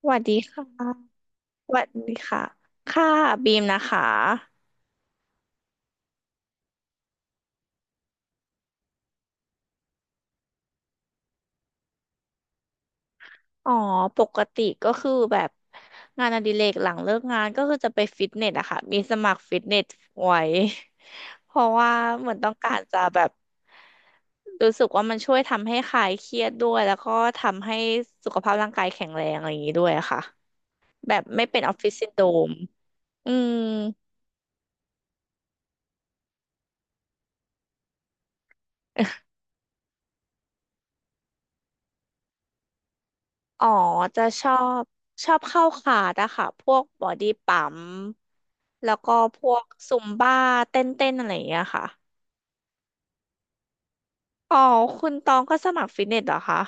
สวัสดีค่ะสวัสดีค่ะค่ะบีมนะคะอ๋อปกติก็คือแบบงานอดิเรกหลังเลิกงานก็คือจะไปฟิตเนสอะค่ะมีสมัครฟิตเนสไว้ เพราะว่าเหมือนต้องการจะแบบรู้สึกว่ามันช่วยทำให้คลายเครียดด้วยแล้วก็ทำให้สุขภาพร่างกายแข็งแรงอะไรอย่างนี้ด้วยอะค่ะแบบไม่เป็นออฟฟิศซินโดรมอืม อ๋อจะบชอบเข้าคลาสอะค่ะพวกบอดี้ปั๊มแล้วก็พวกซุมบ้าเต้นเต้นอะไรอย่างเงี้ยค่ะอ๋อคุณตองก็สมัครฟิตเนสเหรอคะ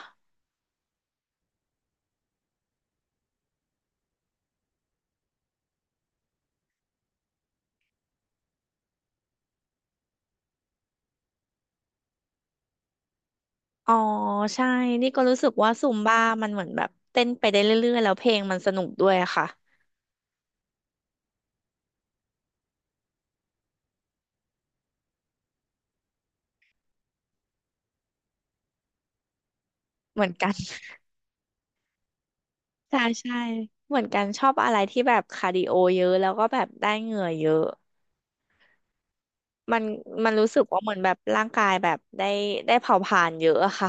อ๋อใช่นี่ก็รู้สึกว่าซุมบ้ามันเหมือนแบบเต้นไปได้เรื่อยๆแล้วเพลงมันสนุกด้วยอะค่ะเหมือนกัน ใช่ใช่เหมือนกันชอบอะไรที่แบบคาร์ดิโอเยอะแล้วก็แบบได้เหงื่อเยอะมันมันรู้สึกว่าเหมือนแบบร่างกายแบบได้เผาผลาญเยอะอะค่ะ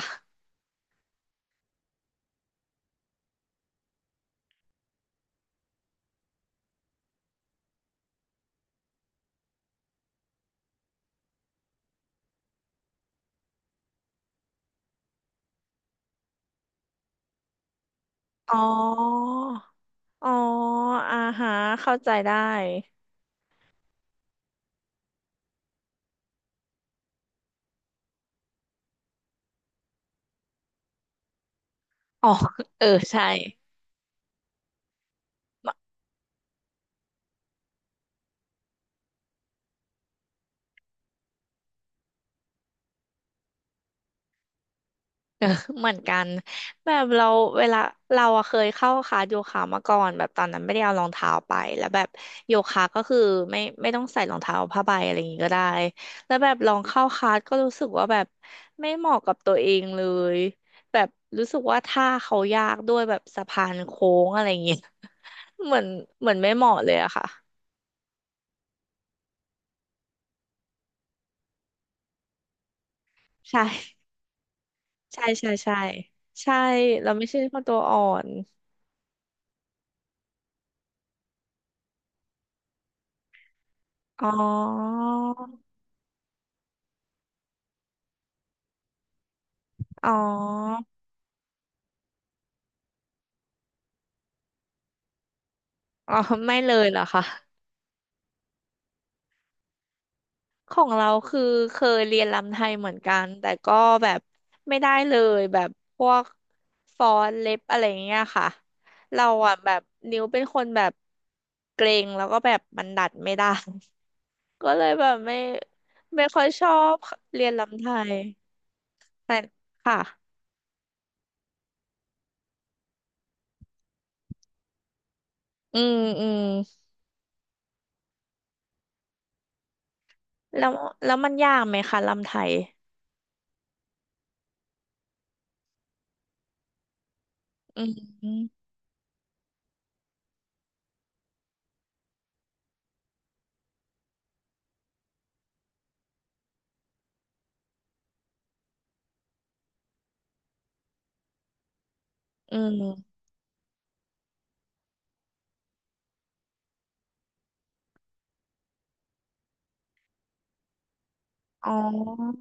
อ๋อ อ๋ออ่าฮะเข้าใจได้อ๋อ เออใช่ เออเหมือนกันแบบเราเวลาเราอะเคยเข้าคลาสโยคะมาก่อนแบบตอนนั้นไม่ได้เอารองเท้าไปแล้วแบบโยคะก็คือไม่ต้องใส่รองเท้าผ้าใบอะไรอย่างงี้ก็ได้แล้วแบบลองเข้าคลาสก็รู้สึกว่าแบบไม่เหมาะกับตัวเองเลย แบบรู้สึกว่าท่าเขายากด้วยแบบสะพานโค้งอะไรอย่างเงี้ย เหมือนเหมือนไม่เหมาะเลยอะค่ะใช่ ใช่ใช่ใช่ใช่เราไม่ใช่คนตัวอ่อนอ๋ออ๋ออ๋อไม่เลยเหรอคะของเราคือเคยเรียนรำไทยเหมือนกันแต่ก็แบบไม่ได้เลยแบบพวกฟ้อนเล็บอะไรอย่างเงี้ยค่ะเราอ่ะแบบนิ้วเป็นคนแบบเกรงแล้วก็แบบมันดัดไม่ได้ ก็เลยแบบไม่ค่อยชอบเรียนรำไทยค่ะอืมอืมแล้วแล้วมันยากไหมคะรำไทย อืมอืมอ๋อ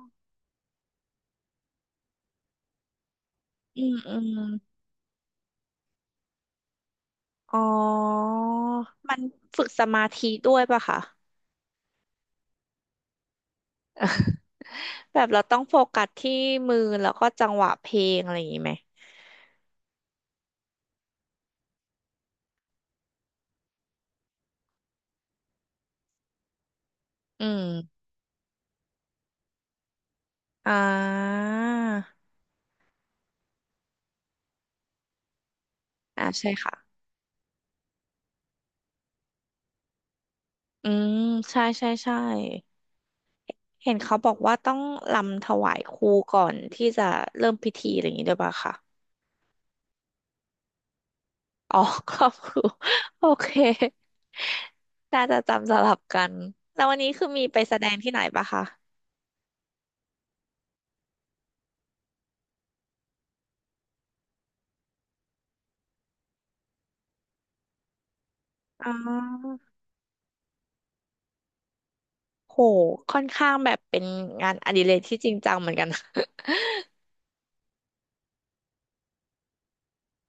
อืมอืมอ๋อมันฝึกสมาธิด้วยป่ะคะแบบเราต้องโฟกัสที่มือแล้วก็จังหวะเพลงอะไรอย่างนี้ไหมอืมอ่าอ่าใช่ค่ะอืมใช่ใช่ใช่เห็นเขาบอกว่าต้องรำถวายครูก่อนที่จะเริ่มพิธีอะไรอย่างนี้ด้วยป่ะคะอ๋อครอบครูโอเค น่าจะจำสลับกัน แล้ววันนี้คือมีไปแสดงที่ไหนป่ะคะ อ๋อโห ค่อนข้างแบบเป็นงานอดิเรกที่จริงจังเหมือนกันนะ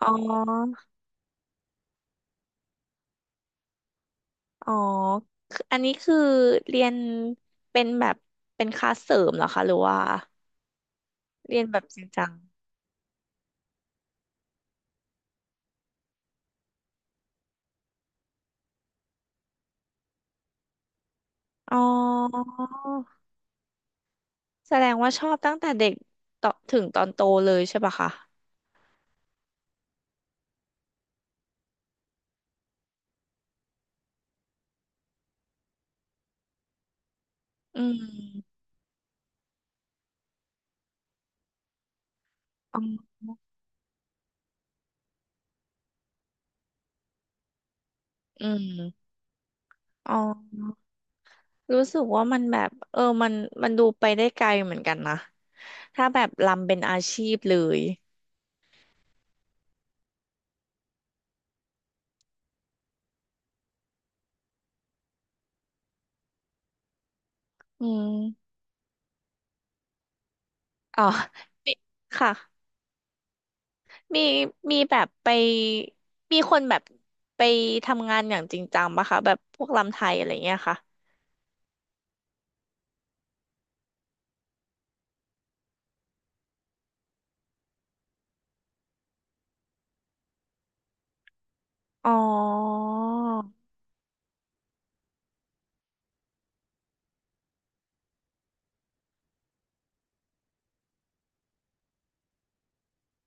อ๋ออ๋อคืออันนี้คือเรียนเป็นแบบเป็นคลาสเสริมเหรอคะหรือว่าเรียนแบบจริงจังอ๋อแสดงว่าชอบตั้งแต่เด็กต่อถึงตอนโตเลยใช่ปะคะอืมอ๋ออืมอ๋อรู้สึกว่ามันแบบเออมันมันดูไปได้ไกลเหมือนกันนะถ้าแบบรำเป็นอาชีพเลยอืม อ๋อมีค่ะมีมีแบบไปมีคนแบบไปทำงานอย่างจริงจังปะคะแบบพวกรำไทยอะไรเงี้ยค่ะอ๋อ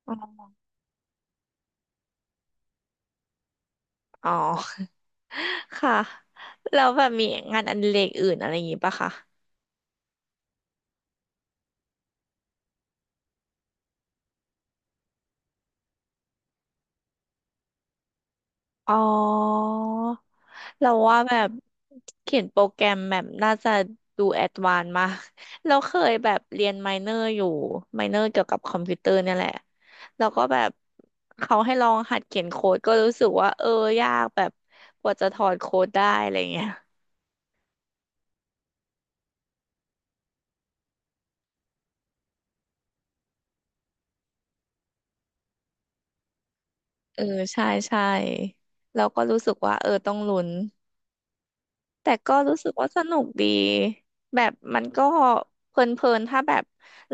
อ๋อ ค่ะ แล้วแบบมีงานอดิเรกอื่นอะไรอย่างงี้ปะคะ อ๋อ เราว่าแบบเขียนโปรแกรมแบบน่าจะดูแอดวานซ์มากเราเคยแบบเรียนไมเนอร์อยู่ไมเนอร์เกี่ยวกับคอมพิวเตอร์เนี่ยแหละแล้วก็แบบเขาให้ลองหัดเขียนโค้ดก็รู้สึกว่าเออยากแบบกว่าจะถอดโค้ดได้อะไรเงี้ยเออใช่ใช่เราก็รู้สึกว่าเออต้องลุ้นแต่ก็รู้สึกว่าสนุกดีแบบมันก็เพลินๆถ้าแบบ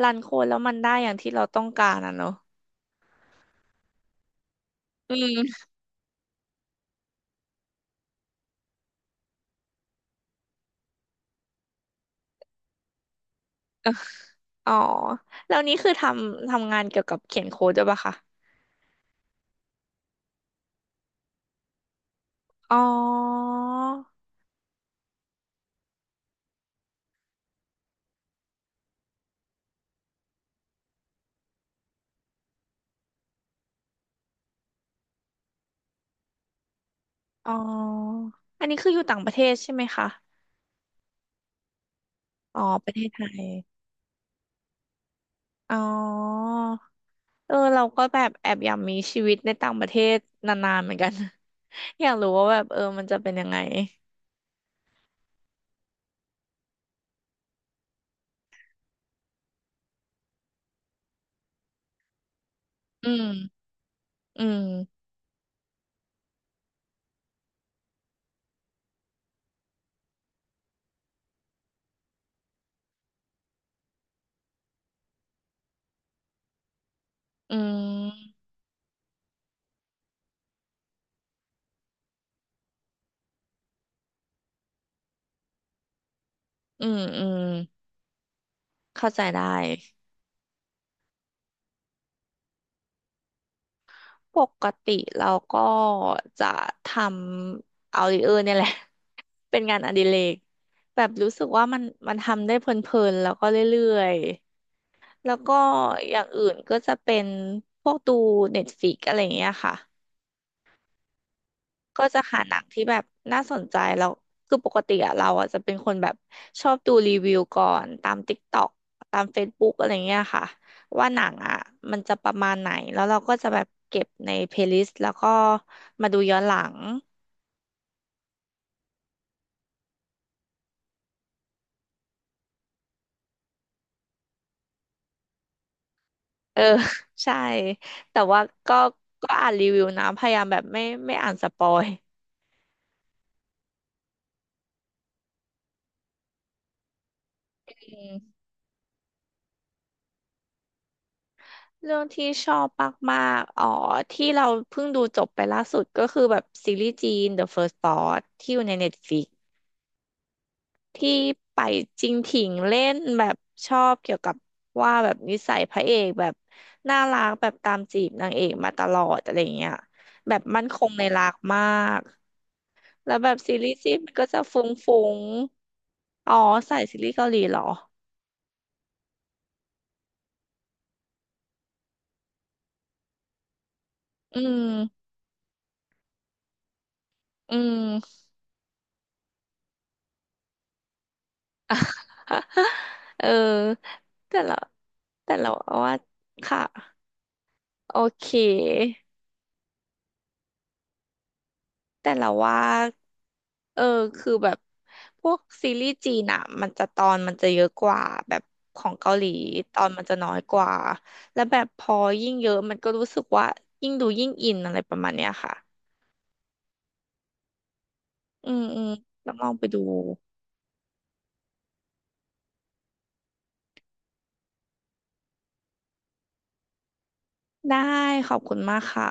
รันโค้ดแล้วมันได้อย่างที่เราต้องการอ่ะเนอะอืม อ๋อแล้วนี้คือทำงานเกี่ยวกับเขียนโค้ดด้วยปะคะอ๋ออ๋ออันนี้คืออยู่ต่างประเทศใช่ไหมคะอ๋อประเทศไทยอ๋อเออเราก็แบบแอบอยากมีชีวิตในต่างประเทศนานๆเหมือนกัน อยากรู้ว่าแบบเออมันจะเป็นยังไงอืมอืมอืมอืมอืมเข้าใจได้ ปกติเราก็จะทำเอาดิเออร์เนี่ยแหละ เป็นงานอดิเรกแบบรู้สึกว่ามันมันทำได้เพลินๆแล้วก็เรื่อยๆแล้วก็อย่างอื่นก็จะเป็นพวกดูเน็ตฟ i ิกอะไรอย่างเงี้ยค่ะ ก็จะหาหนังที่แบบน่าสนใจแล้วคือปกติอะเราอะจะเป็นคนแบบชอบดูรีวิวก่อนตาม TikTok ตาม Facebook อะไรเงี้ยค่ะว่าหนังอะมันจะประมาณไหนแล้วเราก็จะแบบเก็บในเพลย์ลิสต์แล้วก็มาดูย้อนหลังเออ ใช่แต่ว่าก็ก็อ่านรีวิวนะพยายามแบบไม่อ่านสปอยอืมเรื่องที่ชอบมากๆอ๋อที่เราเพิ่งดูจบไปล่าสุดก็คือแบบซีรีส์จีน The First Spot ที่อยู่ใน Netflix ที่ไปจริงถิงเล่นแบบชอบเกี่ยวกับว่าแบบนิสัยพระเอกแบบน่ารักแบบตามจีบนางเอกมาตลอดอะไรเงี้ยแบบมั่นคงในรักมากแล้วแบบซีรีส์จีนมันก็จะฟุ้งฟุงอ๋อใส่ซีรีส์เกาหลีเหรออืมอืม เออแต่ละแต่เราว่าค่ะโอเค แต่เราว่าเออคือแบบพวกซีรีส์จีนอะมันจะตอนมันจะเยอะกว่าแบบของเกาหลีตอนมันจะน้อยกว่าแล้วแบบพอยิ่งเยอะมันก็รู้สึกว่ายิ่งดูยิ่งอินอะไรประมาณเนี้ยค่ะอืมอืมต้องลองไปดูได้ขอบคุณมากค่ะ